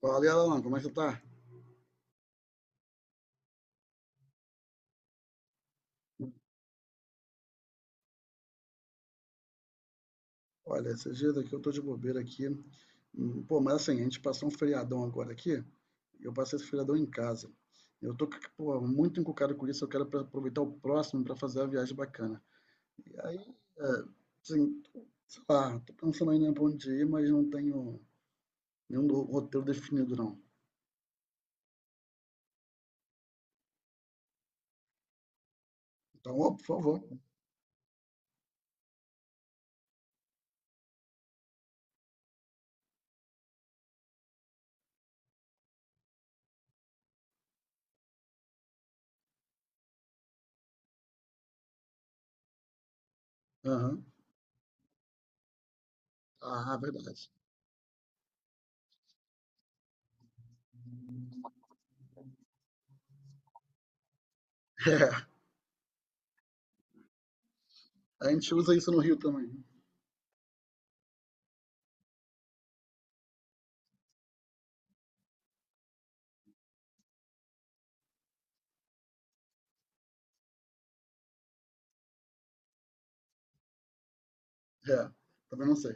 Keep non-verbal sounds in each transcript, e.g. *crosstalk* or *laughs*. Fala, aí, Alan, como é que você tá? Olha, esses dias aqui eu tô de bobeira aqui. Pô, mas assim, a gente passou um feriadão agora aqui. Eu passei esse feriadão em casa. Eu tô, pô, muito encucado com isso. Eu quero aproveitar o próximo para fazer a viagem bacana. E aí, é, assim, sei lá, tô pensando ainda pra onde ir, mas não tenho nenhum roteiro definido, não. Então, ó, por favor. Aham. Ah, verdade. *laughs* É, a gente usa isso no Rio também. É, também não sei.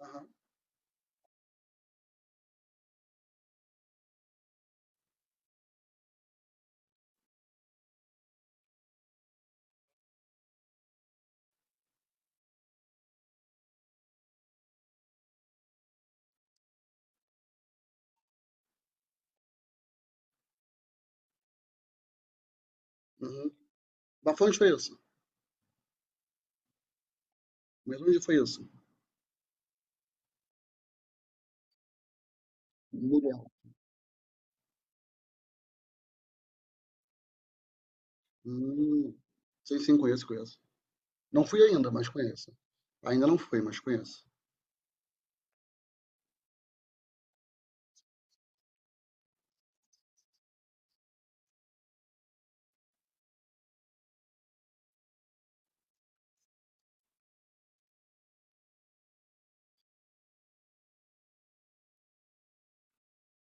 Aham. Uhum. Mas foi isso? Mesmo dia foi isso? Milhão. Hum. Sei sim, conheço, conheço. Não fui ainda, mas conheço. Ainda não fui, mas conheço.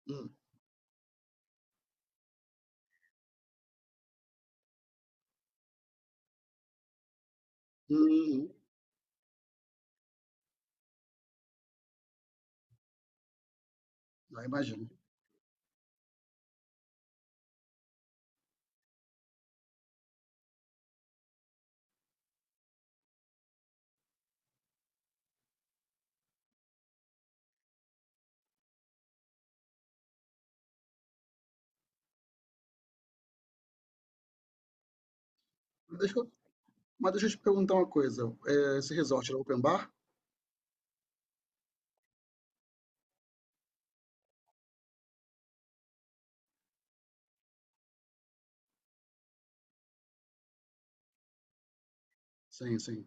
Hum. Hum, já imagino. Mas Deixa eu, mas deixa eu te perguntar uma coisa. É, esse resort era open bar? Sim, sim.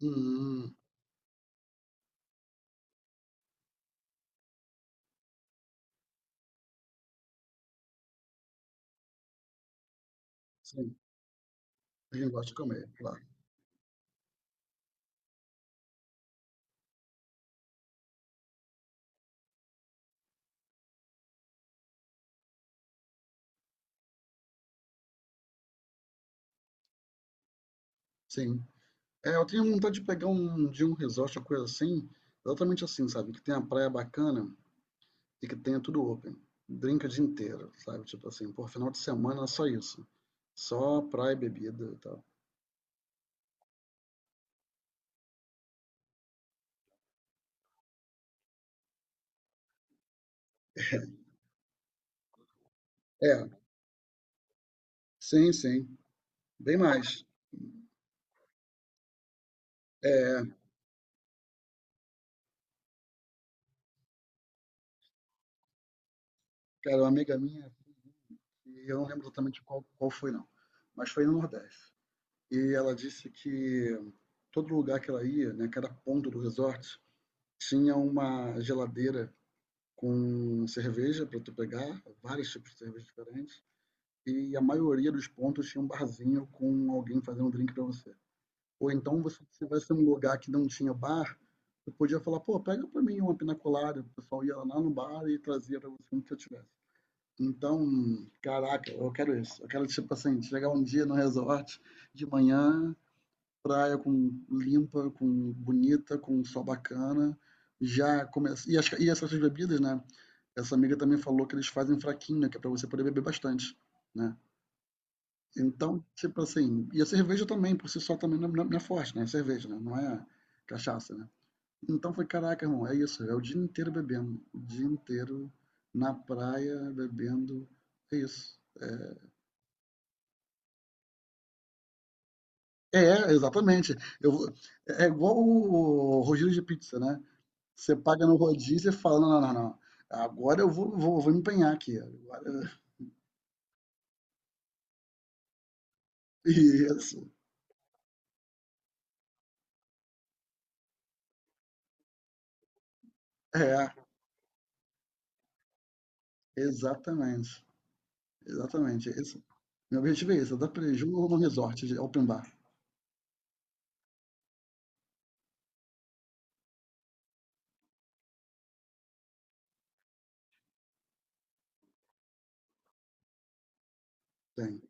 Hum, hum, sim. A gente gosta de comer, claro. Sim. É, eu tenho vontade de pegar um de um resort, uma coisa assim, exatamente assim, sabe? Que tenha praia bacana e que tenha tudo open. Drink o dia inteiro, sabe? Tipo assim, por final de semana é só isso. Só praia e bebida e tal. É, sim, sim, bem mais. É, cara, uma amiga minha, e eu não lembro exatamente qual foi não, mas foi no Nordeste. E ela disse que todo lugar que ela ia, né, cada ponto do resort, tinha uma geladeira com cerveja para tu pegar, vários tipos de cerveja diferentes, e a maioria dos pontos tinha um barzinho com alguém fazendo um drink para você. Ou então você se tivesse um lugar que não tinha bar, você podia falar, pô, pega para mim uma pina colada, o pessoal ia lá no bar e trazia para você o que eu tivesse. Então, caraca, eu quero isso. Eu quero, tipo assim, chegar um dia no resort de manhã, praia com limpa, com bonita, com um sol bacana. Já começa. E essas bebidas, né? Essa amiga também falou que eles fazem fraquinho, né, que é pra você poder beber bastante, né? Então, tipo assim, e a cerveja também, por si só, também não, não é forte, né? É cerveja, né? Não é cachaça, né? Então foi, caraca, irmão, é isso. É o dia inteiro bebendo. O dia inteiro na praia, bebendo. É isso. É, exatamente. Eu é é igual o rodízio de pizza, né? Você paga no rodízio e fala: "Não, não, não, não. Agora eu vou me empenhar aqui, agora". *laughs* Isso. É, exatamente, exatamente, é isso. Meu objetivo é esse, eu dar preju no resort de open bar. Tem,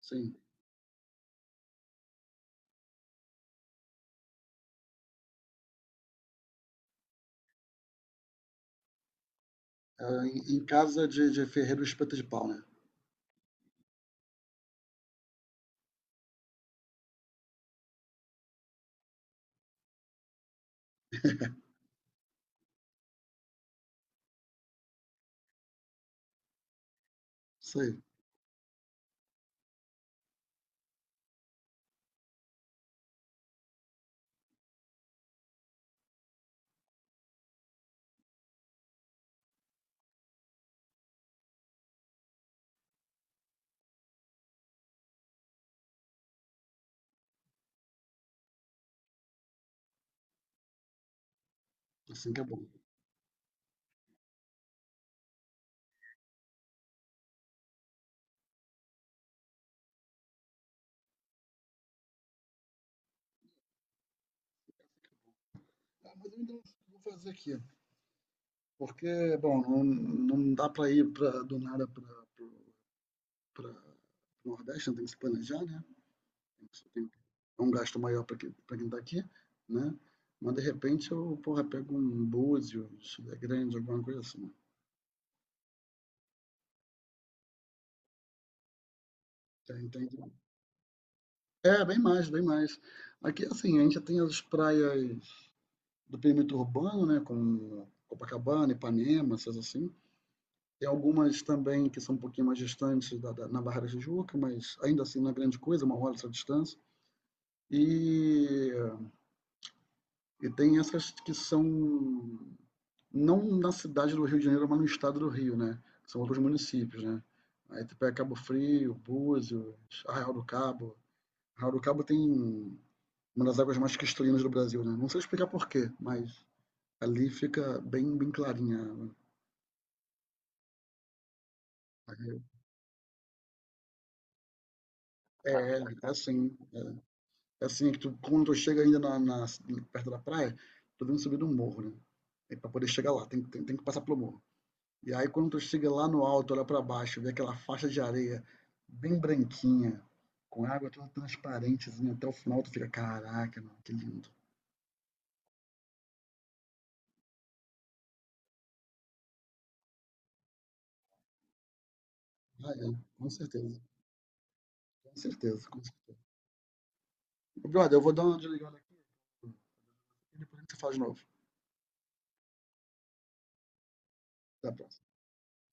sim. É, em casa de ferreiro espeta de pau, né. Isso aí, assim que é bom. Ah, mas eu ainda não vou fazer aqui, porque, bom, não dá pra ir pra do nada para para o Nordeste, então tem que se planejar, né? É um gasto maior para quem está aqui, né? Mas de repente eu, porra, pego um Búzios, é grande, alguma coisa assim. Tem, tem, é, bem mais, bem mais. Aqui, assim, a gente tem as praias do perímetro urbano, né? Como Copacabana, Ipanema, essas assim. Tem algumas também que são um pouquinho mais distantes da, na Barra da Tijuca, mas ainda assim não é grande coisa, uma hora essa distância. E, e tem essas que são não na cidade do Rio de Janeiro, mas no estado do Rio, né? São outros municípios, né? Aí tu pega Cabo Frio, Búzios, Arraial do Cabo. Arraial do Cabo tem uma das águas mais cristalinas do Brasil, né? Não sei explicar por quê, mas ali fica bem, bem clarinha. É assim. É, assim. É assim que quando tu chega ainda na, perto da praia, tu vem subir um morro, né? E pra poder chegar lá, tem que passar pelo morro. E aí, quando tu chega lá no alto, olha para baixo, vê aquela faixa de areia bem branquinha, com água toda transparentezinha até o final, tu fica, caraca, mano, que lindo. Ah, é, com certeza, com certeza, com certeza. Brother, eu vou dar uma desligada aqui e depois a gente se fala de novo. Até a próxima.